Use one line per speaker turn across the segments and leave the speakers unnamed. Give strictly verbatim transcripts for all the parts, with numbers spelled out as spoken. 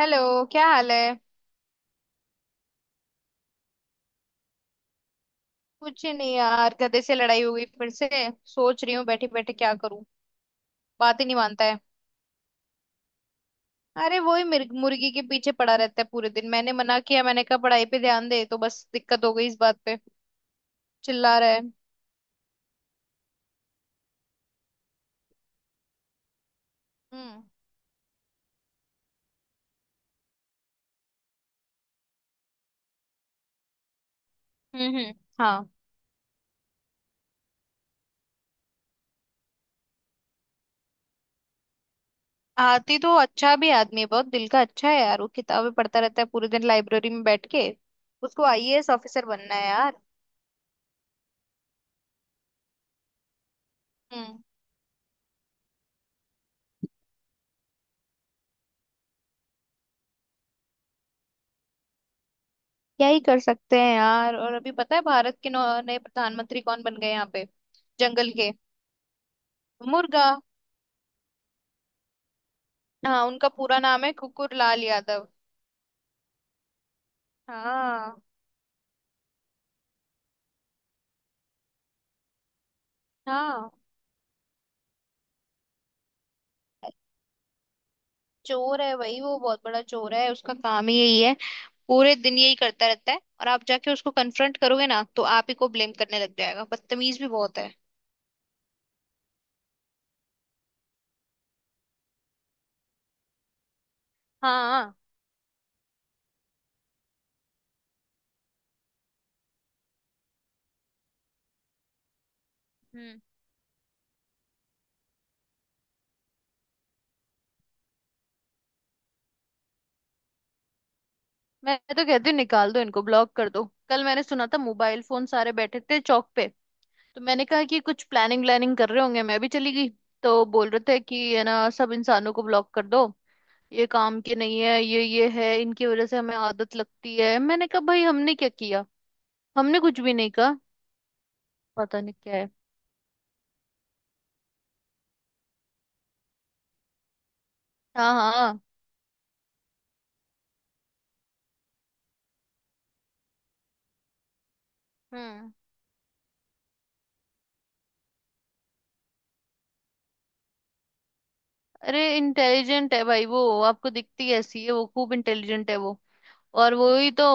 Hello, क्या हाल है। कुछ नहीं यार, गधे से लड़ाई हो गई फिर से। सोच रही हूँ बैठे बैठे क्या करूँ। बात ही नहीं मानता है। अरे वही मिर्ग- मुर्गी के पीछे पड़ा रहता है पूरे दिन। मैंने मना किया, मैंने कहा पढ़ाई पे ध्यान दे, तो बस दिक्कत हो गई इस बात पे। चिल्ला रहा है। हम्म। हम्म हम्म, हाँ। आती तो अच्छा भी आदमी है, बहुत दिल का अच्छा है यार वो, किताबें पढ़ता रहता है पूरे दिन लाइब्रेरी में बैठ के। उसको आईएएस ऑफिसर बनना है यार। हम्म। क्या ही कर सकते हैं यार। और अभी पता है भारत के नौ- नए प्रधानमंत्री कौन बन गए यहाँ पे? जंगल के। मुर्गा। हाँ, उनका पूरा नाम है कुकुर लाल यादव। हाँ। हाँ। चोर है भाई, वो बहुत बड़ा चोर है, उसका काम ही यही है। पूरे दिन यही करता रहता है, और आप जाके उसको कन्फ्रंट करोगे ना तो आप ही को ब्लेम करने लग जाएगा। बदतमीज भी बहुत है। हाँ। हम्म। मैं तो कहती हूँ निकाल दो इनको, ब्लॉक कर दो। कल मैंने सुना था, मोबाइल फोन सारे बैठे थे चौक पे, तो मैंने कहा कि कुछ प्लानिंग व्लानिंग कर रहे होंगे, मैं भी चली गई। तो बोल रहे थे कि है ना सब इंसानों को ब्लॉक कर दो, ये काम के नहीं है ये। ये है इनकी वजह से हमें आदत लगती है। मैंने कहा भाई हमने क्या किया, हमने कुछ भी नहीं कहा। पता नहीं क्या है। हाँ हाँ। हम्म। अरे इंटेलिजेंट है भाई वो, आपको दिखती ऐसी है, वो खूब इंटेलिजेंट है वो। और वो ही तो,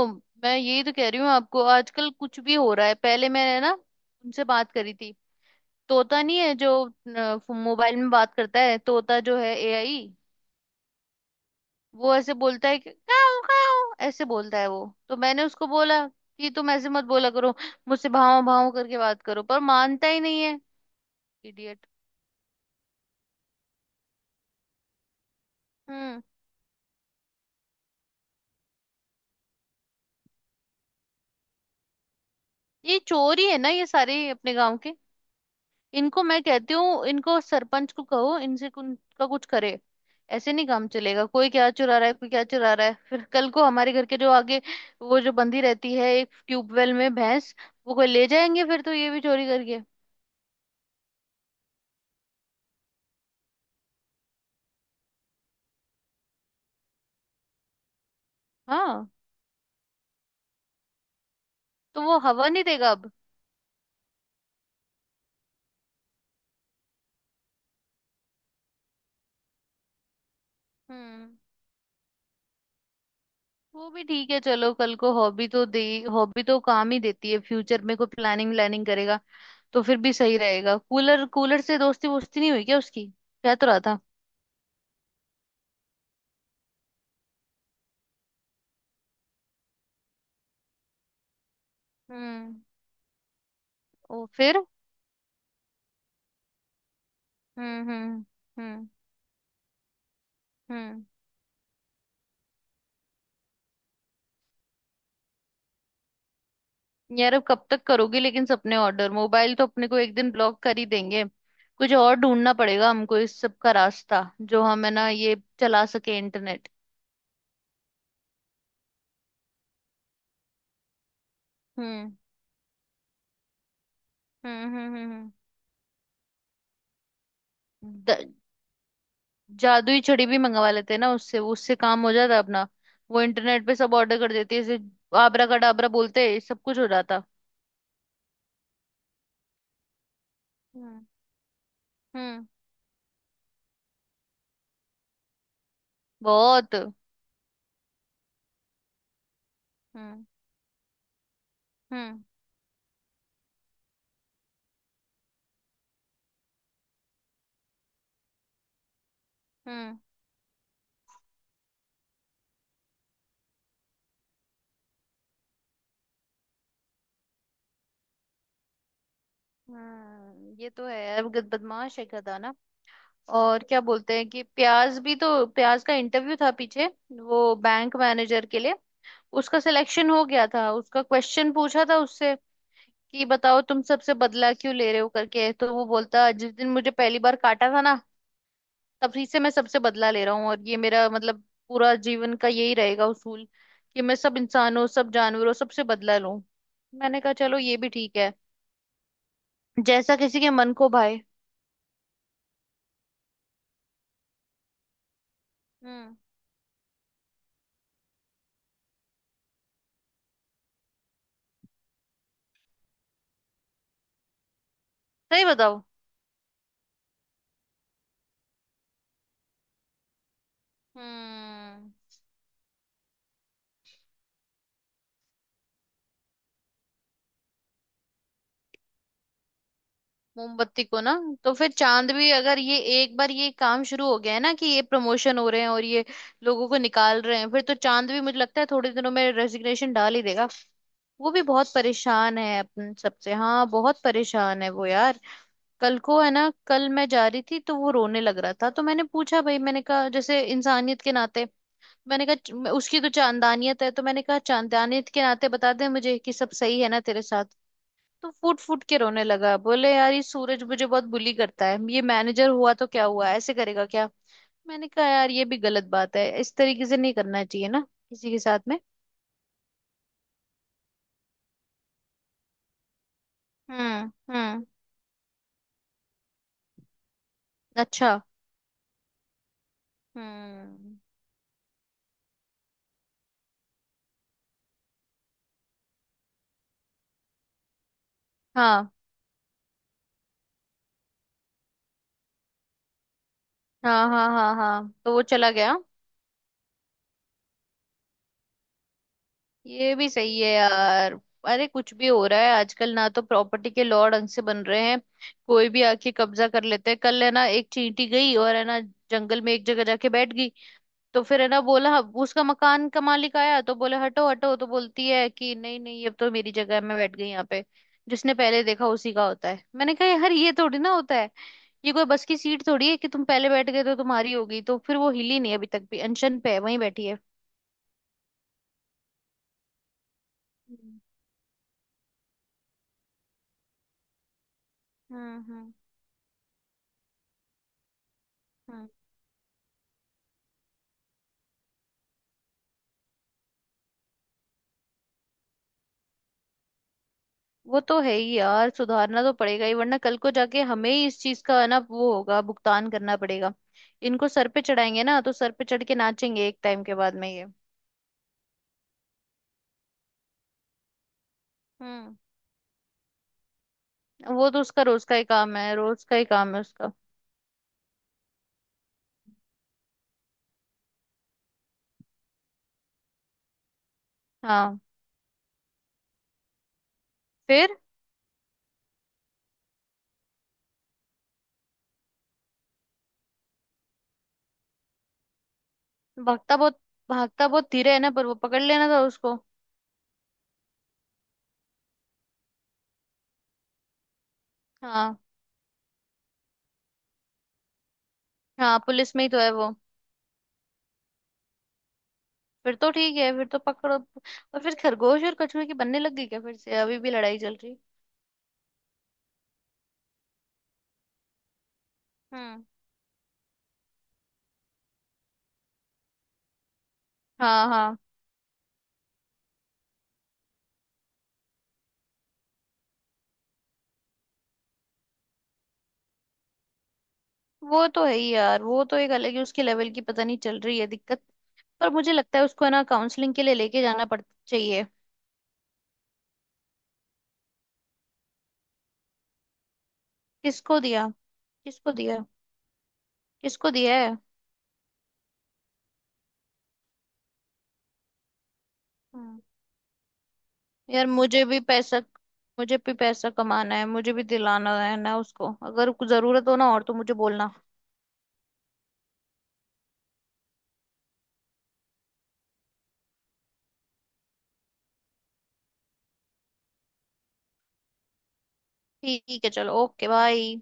मैं यही तो कह रही हूँ आपको, आजकल कुछ भी हो रहा है। पहले मैंने ना उनसे बात करी थी। तोता नहीं है जो अ, फ- मोबाइल में बात करता है, तोता जो है एआई। वो ऐसे बोलता है कि काऊ काऊ, ऐसे बोलता है वो, तो मैंने उसको बोला कि तुम ऐसे मत बोला करो। मुझसे भाव भाव करके बात करो, पर मानता ही नहीं है। इडियट। हम्म। ये चोरी है ना, ये सारे अपने गांव के। इनको मैं कहती हूँ, इनको सरपंच को कहो, इनसे कुन- का कुछ करे। ऐसे नहीं काम चलेगा, कोई क्या चुरा रहा है, कोई क्या चुरा रहा है। फिर कल को हमारे घर के जो आगे वो जो बंधी रहती है एक ट्यूबवेल में भैंस, वो कोई ले जाएंगे फिर, तो ये भी चोरी करके। हाँ, तो वो हवा नहीं देगा अब। हम्म। वो भी ठीक है, चलो कल को हॉबी तो दे। हॉबी तो काम ही देती है फ्यूचर में, कोई प्लानिंग व्लानिंग करेगा तो फिर भी सही रहेगा। कूलर कूलर से दोस्ती वोस्ती नहीं हुई क्या उसकी? कह तो रहा था। हम्म। ओ, फिर। हम्म हम्म हम्म हम्म यार अब कब तक करोगी लेकिन सपने ऑर्डर? मोबाइल तो अपने को एक दिन ब्लॉक कर ही देंगे। कुछ और ढूंढना पड़ेगा हमको इस सब का रास्ता, जो हम है ना ये चला सके इंटरनेट। हम्म हम्म हम्म हम्म हम्म। द- जादुई छड़ी भी मंगवा लेते हैं ना उससे, उससे काम हो जाता अपना। वो इंटरनेट पे सब ऑर्डर कर देती है, जैसे आबरा कडाबरा बोलते सब कुछ हो जाता। हम्म। हम्म। बहुत। हम्म हम्म हम्म हम्म, ये तो है, अब बदमाश है गधा ना। और क्या बोलते हैं कि प्याज भी, तो प्याज का इंटरव्यू था पीछे, वो बैंक मैनेजर के लिए। उसका सिलेक्शन हो गया था, उसका क्वेश्चन पूछा था उससे कि बताओ तुम सबसे बदला क्यों ले रहे हो करके, तो वो बोलता जिस दिन मुझे पहली बार काटा था ना, तभी से मैं सबसे बदला ले रहा हूँ। और ये मेरा मतलब पूरा जीवन का यही रहेगा उसूल, कि मैं सब इंसानों, सब जानवरों सबसे बदला लूं। मैंने कहा चलो ये भी ठीक है, जैसा किसी के मन को भाए। हम्म। सही बताओ? हम्म। मोमबत्ती को ना। तो फिर चांद भी, अगर ये एक बार ये काम शुरू हो गया है ना कि ये प्रमोशन हो रहे हैं और ये लोगों को निकाल रहे हैं, फिर तो चांद भी मुझे लगता है थोड़े दिनों में रेजिग्नेशन डाल ही देगा। वो भी बहुत परेशान है अपन सबसे, हाँ, बहुत परेशान है वो यार। कल को है ना, कल मैं जा रही थी तो वो रोने लग रहा था, तो मैंने पूछा भाई, मैंने कहा जैसे इंसानियत के नाते, मैंने कहा "च- उसकी तो चांदानियत है, तो मैंने कहा चांदानियत के नाते बता दे मुझे कि सब सही है ना तेरे साथ। तो फूट फूट के रोने लगा, बोले यार ये सूरज मुझे बहुत बुली करता है, ये मैनेजर हुआ तो क्या हुआ ऐसे करेगा क्या। मैंने कहा यार ये भी गलत बात है, इस तरीके से नहीं करना चाहिए ना किसी के साथ में। हम्म। हम्म। अच्छा। हम्म। हाँ हाँ हाँ हाँ हाँ, तो वो चला गया। ये भी सही है यार। अरे कुछ भी हो रहा है आजकल, ना तो प्रॉपर्टी के लॉ ढंग से बन रहे हैं, कोई भी आके कब्जा कर लेते हैं। कल है ना एक चींटी गई और है ना जंगल में एक जगह जाके बैठ गई, तो फिर है ना बोला, हम- उसका मकान का मालिक आया तो बोले हटो हटो, तो बोलती है कि नहीं नहीं अब तो मेरी जगह है, मैं बैठ गई यहाँ पे, जिसने पहले देखा उसी का होता है। मैंने कहा यार ये थोड़ी ना होता है, ये कोई बस की सीट थोड़ी है कि तुम पहले बैठ गए तो तुम्हारी हो गई। तो फिर वो हिली नहीं, अभी तक भी अनशन पे है, वहीं बैठी है। हम्म। हम्म हम्म, हम्म। वो तो है ही यार, सुधारना तो पड़ेगा ही, वरना कल को जाके हमें ही इस चीज का है ना वो होगा, भुगतान करना पड़ेगा। इनको सर पे चढ़ाएंगे ना तो सर पे चढ़ के नाचेंगे एक टाइम के बाद में ये। हम्म। वो तो उसका रोज का ही काम है, रोज का ही काम है उसका। हाँ। फिर भागता बहुत, भागता बहुत धीरे है ना, पर वो पकड़ लेना था उसको। हाँ। हाँ, पुलिस में ही तो है वो। फिर तो ठीक है, फिर तो पकड़ो। और फिर खरगोश और कछुए की बनने लग गई क्या फिर से, अभी भी लड़ाई चल रही? हम्म। हाँ हाँ। वो तो है ही यार, वो तो एक अलग ही उसके लेवल की पता नहीं चल रही है दिक्कत। पर मुझे लगता है उसको है ना काउंसलिंग के लिए लेके जाना पड़ चाहिए। किसको दिया? किसको दिया? किसको दिया है? हम्म। यार मुझे भी पैसा, मुझे भी पैसा कमाना है, मुझे भी दिलाना है ना, उसको अगर कुछ जरूरत हो ना और, तो मुझे बोलना। ठीक है, चलो ओके, बाय।